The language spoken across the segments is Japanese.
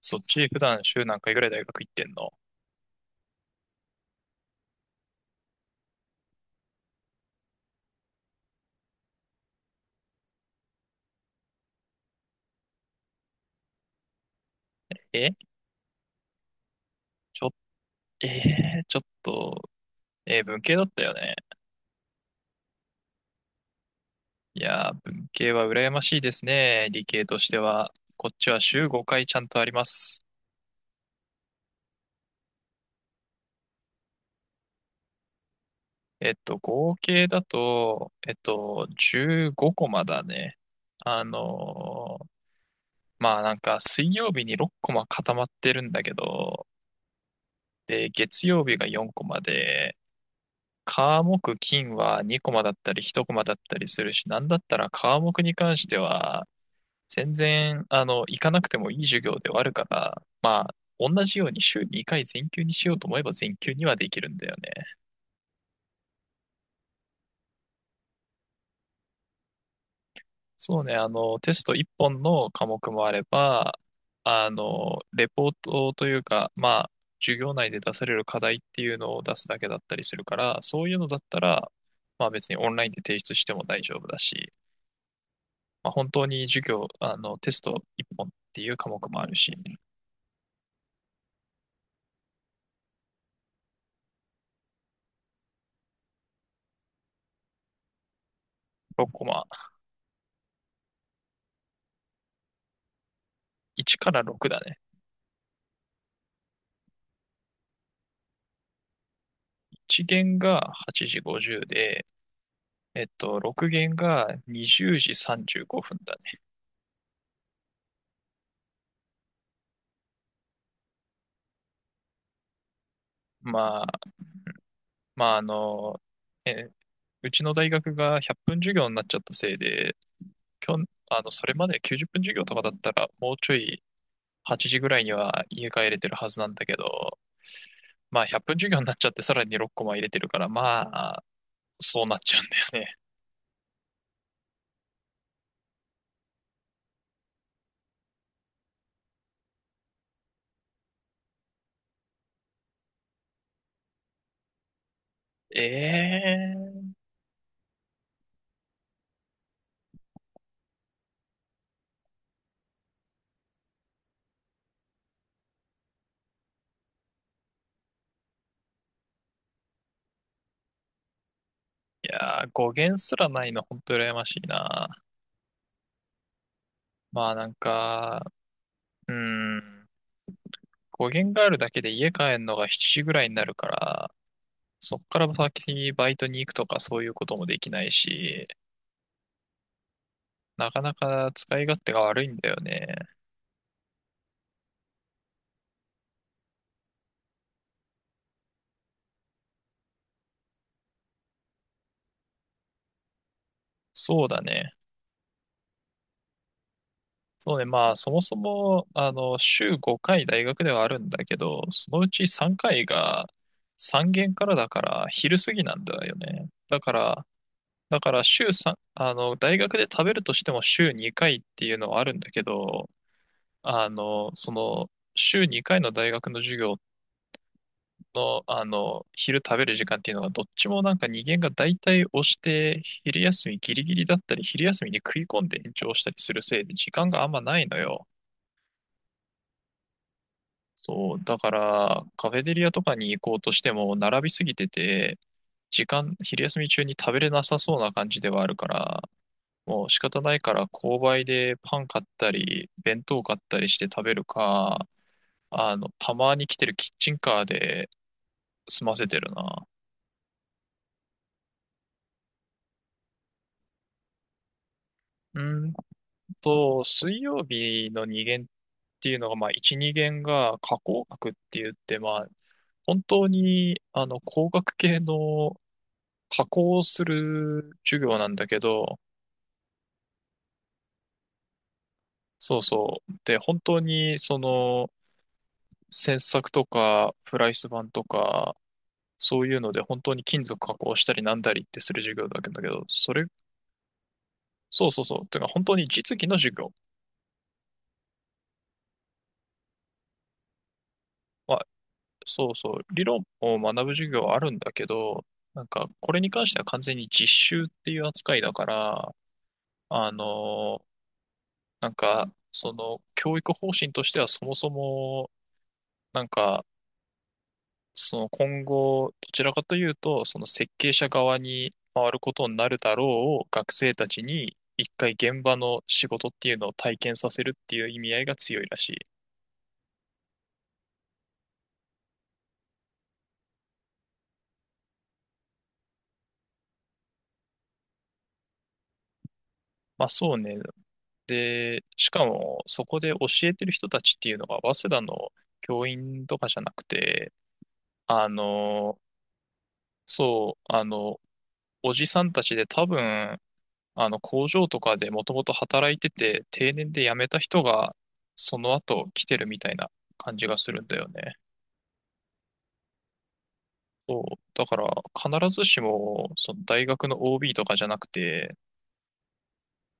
そっち普段週何回ぐらい大学行ってんの？えちょ、えー、ちょっと、文系だったよね。いやー、文系は羨ましいですね。理系としては。こっちは週5回ちゃんとあります。合計だと、15コマだね。あのーまあなんか水曜日に6コマ固まってるんだけど、で、月曜日が4コマで、科目金は2コマだったり1コマだったりするし、なんだったら科目に関しては、全然、行かなくてもいい授業ではあるから、まあ、同じように週2回全休にしようと思えば全休にはできるんだよね。そうね、テスト1本の科目もあれば、レポートというか、まあ、授業内で出される課題っていうのを出すだけだったりするから、そういうのだったら、まあ別にオンラインで提出しても大丈夫だし、まあ、本当に授業、テスト1本っていう科目もあるし、6コマ、1から6だね。1限が8時50で、6限が20時35分だね。まあ、まあ、え、うちの大学が100分授業になっちゃったせいで、きょん、それまで90分授業とかだったら、もうちょい8時ぐらいには家帰れてるはずなんだけど、まあ、100分授業になっちゃって、さらに6コマ入れてるから、あ、そうなっちゃうんだよね。ええ、いやー、語源すらないの、ほんと羨ましいな。まあなんか、うん、語源があるだけで家帰るのが7時ぐらいになるから、そっから先にバイトに行くとかそういうこともできないし、なかなか使い勝手が悪いんだよね。そうだね。そうね、まあそもそも、週5回大学ではあるんだけど、そのうち3回が3限からだから昼過ぎなんだよね。だから、週3、大学で食べるとしても週2回っていうのはあるんだけど、週2回の大学の授業の、昼食べる時間っていうのがどっちもなんか人間が大体押して、昼休みギリギリだったり、昼休みに食い込んで延長したりするせいで時間があんまないのよ。そう、だからカフェテリアとかに行こうとしても並びすぎてて、時間、昼休み中に食べれなさそうな感じではあるから、もう仕方ないから購買でパン買ったり、弁当買ったりして食べるか、たまに来てるキッチンカーで済ませてるな。うーん水曜日の2限っていうのが、まあ1、2限が加工学って言って、まあ本当に工学系の加工をする授業なんだけど、そうそう。で、本当にその、切削とか、フライス板とか、そういうので、本当に金属加工したりなんだりってする授業だけど、そうそうそう。てか、本当に実技の授業。まあ、そうそう。理論を学ぶ授業はあるんだけど、なんか、これに関しては完全に実習っていう扱いだから、あの、教育方針としてはそもそも、なんか、その今後、どちらかというと、その設計者側に回ることになるだろうを学生たちに一回現場の仕事っていうのを体験させるっていう意味合いが強いらしい。まあそうね。で、しかもそこで教えてる人たちっていうのが早稲田の教員とかじゃなくて、あの、そう、あの、おじさんたちで多分あの工場とかでもともと働いてて定年で辞めた人がその後来てるみたいな感じがするんだよね。そう。だから必ずしもその大学の OB とかじゃなくて、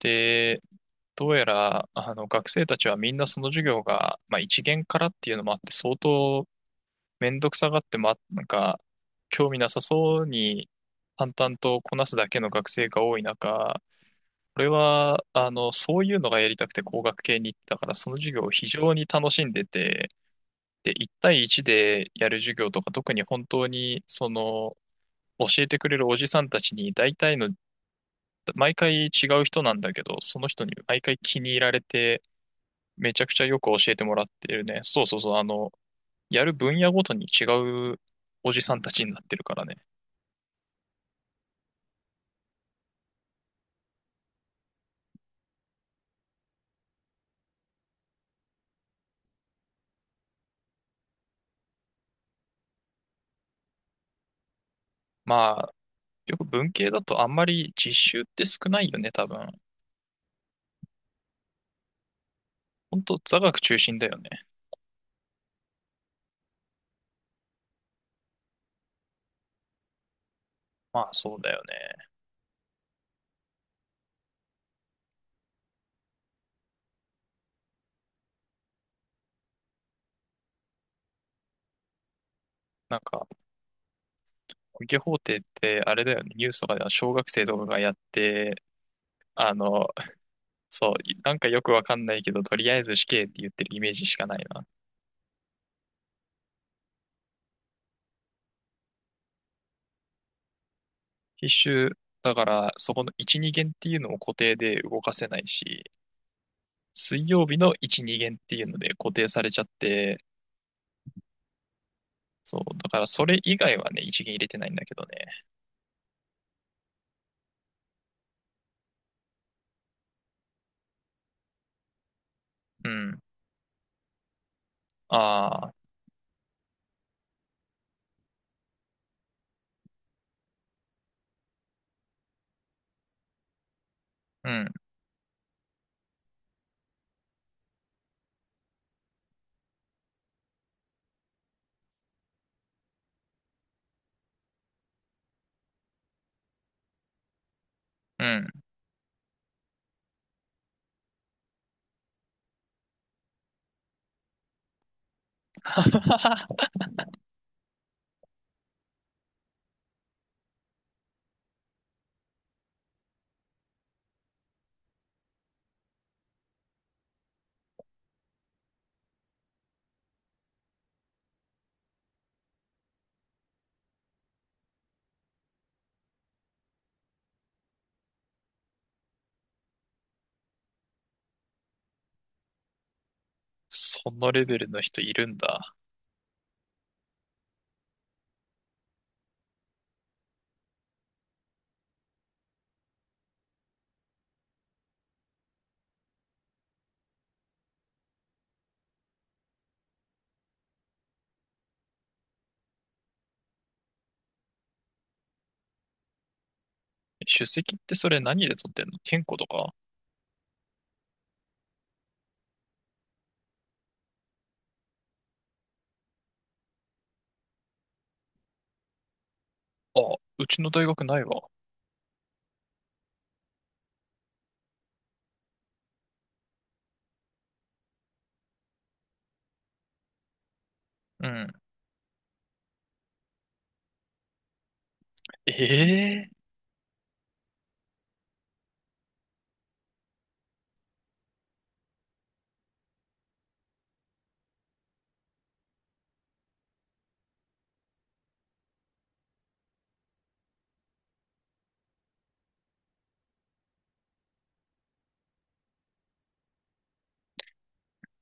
で、どうやらあの学生たちはみんなその授業が、まあ、一限からっていうのもあって相当めんどくさがって、なんか興味なさそうに淡々とこなすだけの学生が多い中、これは、そういうのがやりたくて工学系に行ったから、その授業を非常に楽しんでて、で、1対1でやる授業とか、特に本当に、教えてくれるおじさんたちに、大体の、毎回違う人なんだけど、その人に毎回気に入られて、めちゃくちゃよく教えてもらってるね。そうそうそう、やる分野ごとに違うおじさんたちになってるからね。まあ、よく文系だとあんまり実習って少ないよね、多分。本当座学中心だよね。まあそうだよね。なんか、受け法廷ってあれだよね。ニュースとかでは小学生とかがやって、あの、そう、なんかよくわかんないけど、とりあえず死刑って言ってるイメージしかないな。必修、だからそこの1、2限っていうのも固定で動かせないし、水曜日の1、2限っていうので固定されちゃって、そう、だからそれ以外はね、1限入れてないんだけどね。うん。ああ、うん、うん。そのレベルの人いるんだ。出席ってそれ何で取ってんの？健康とか？あ、うちの大学ないわ。うん。ええ、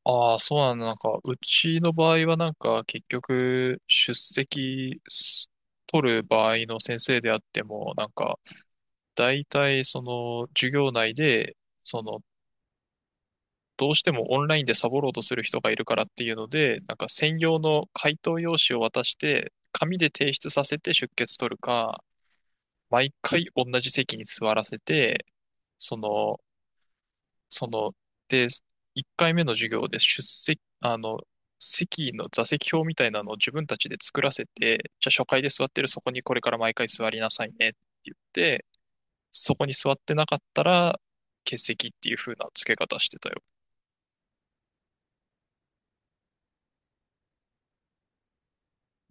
ああー、そうなんだ。なんか、うちの場合はなんか、結局、出席す取る場合の先生であっても、なんか、大体、授業内で、その、どうしてもオンラインでサボろうとする人がいるからっていうので、なんか、専用の回答用紙を渡して、紙で提出させて出欠取るか、毎回同じ席に座らせて、その、その、で、1回目の授業で出席、席の座席表みたいなのを自分たちで作らせて、じゃあ初回で座ってるそこにこれから毎回座りなさいねって言って、そこに座ってなかったら欠席っていう風な付け方してたよ。ね。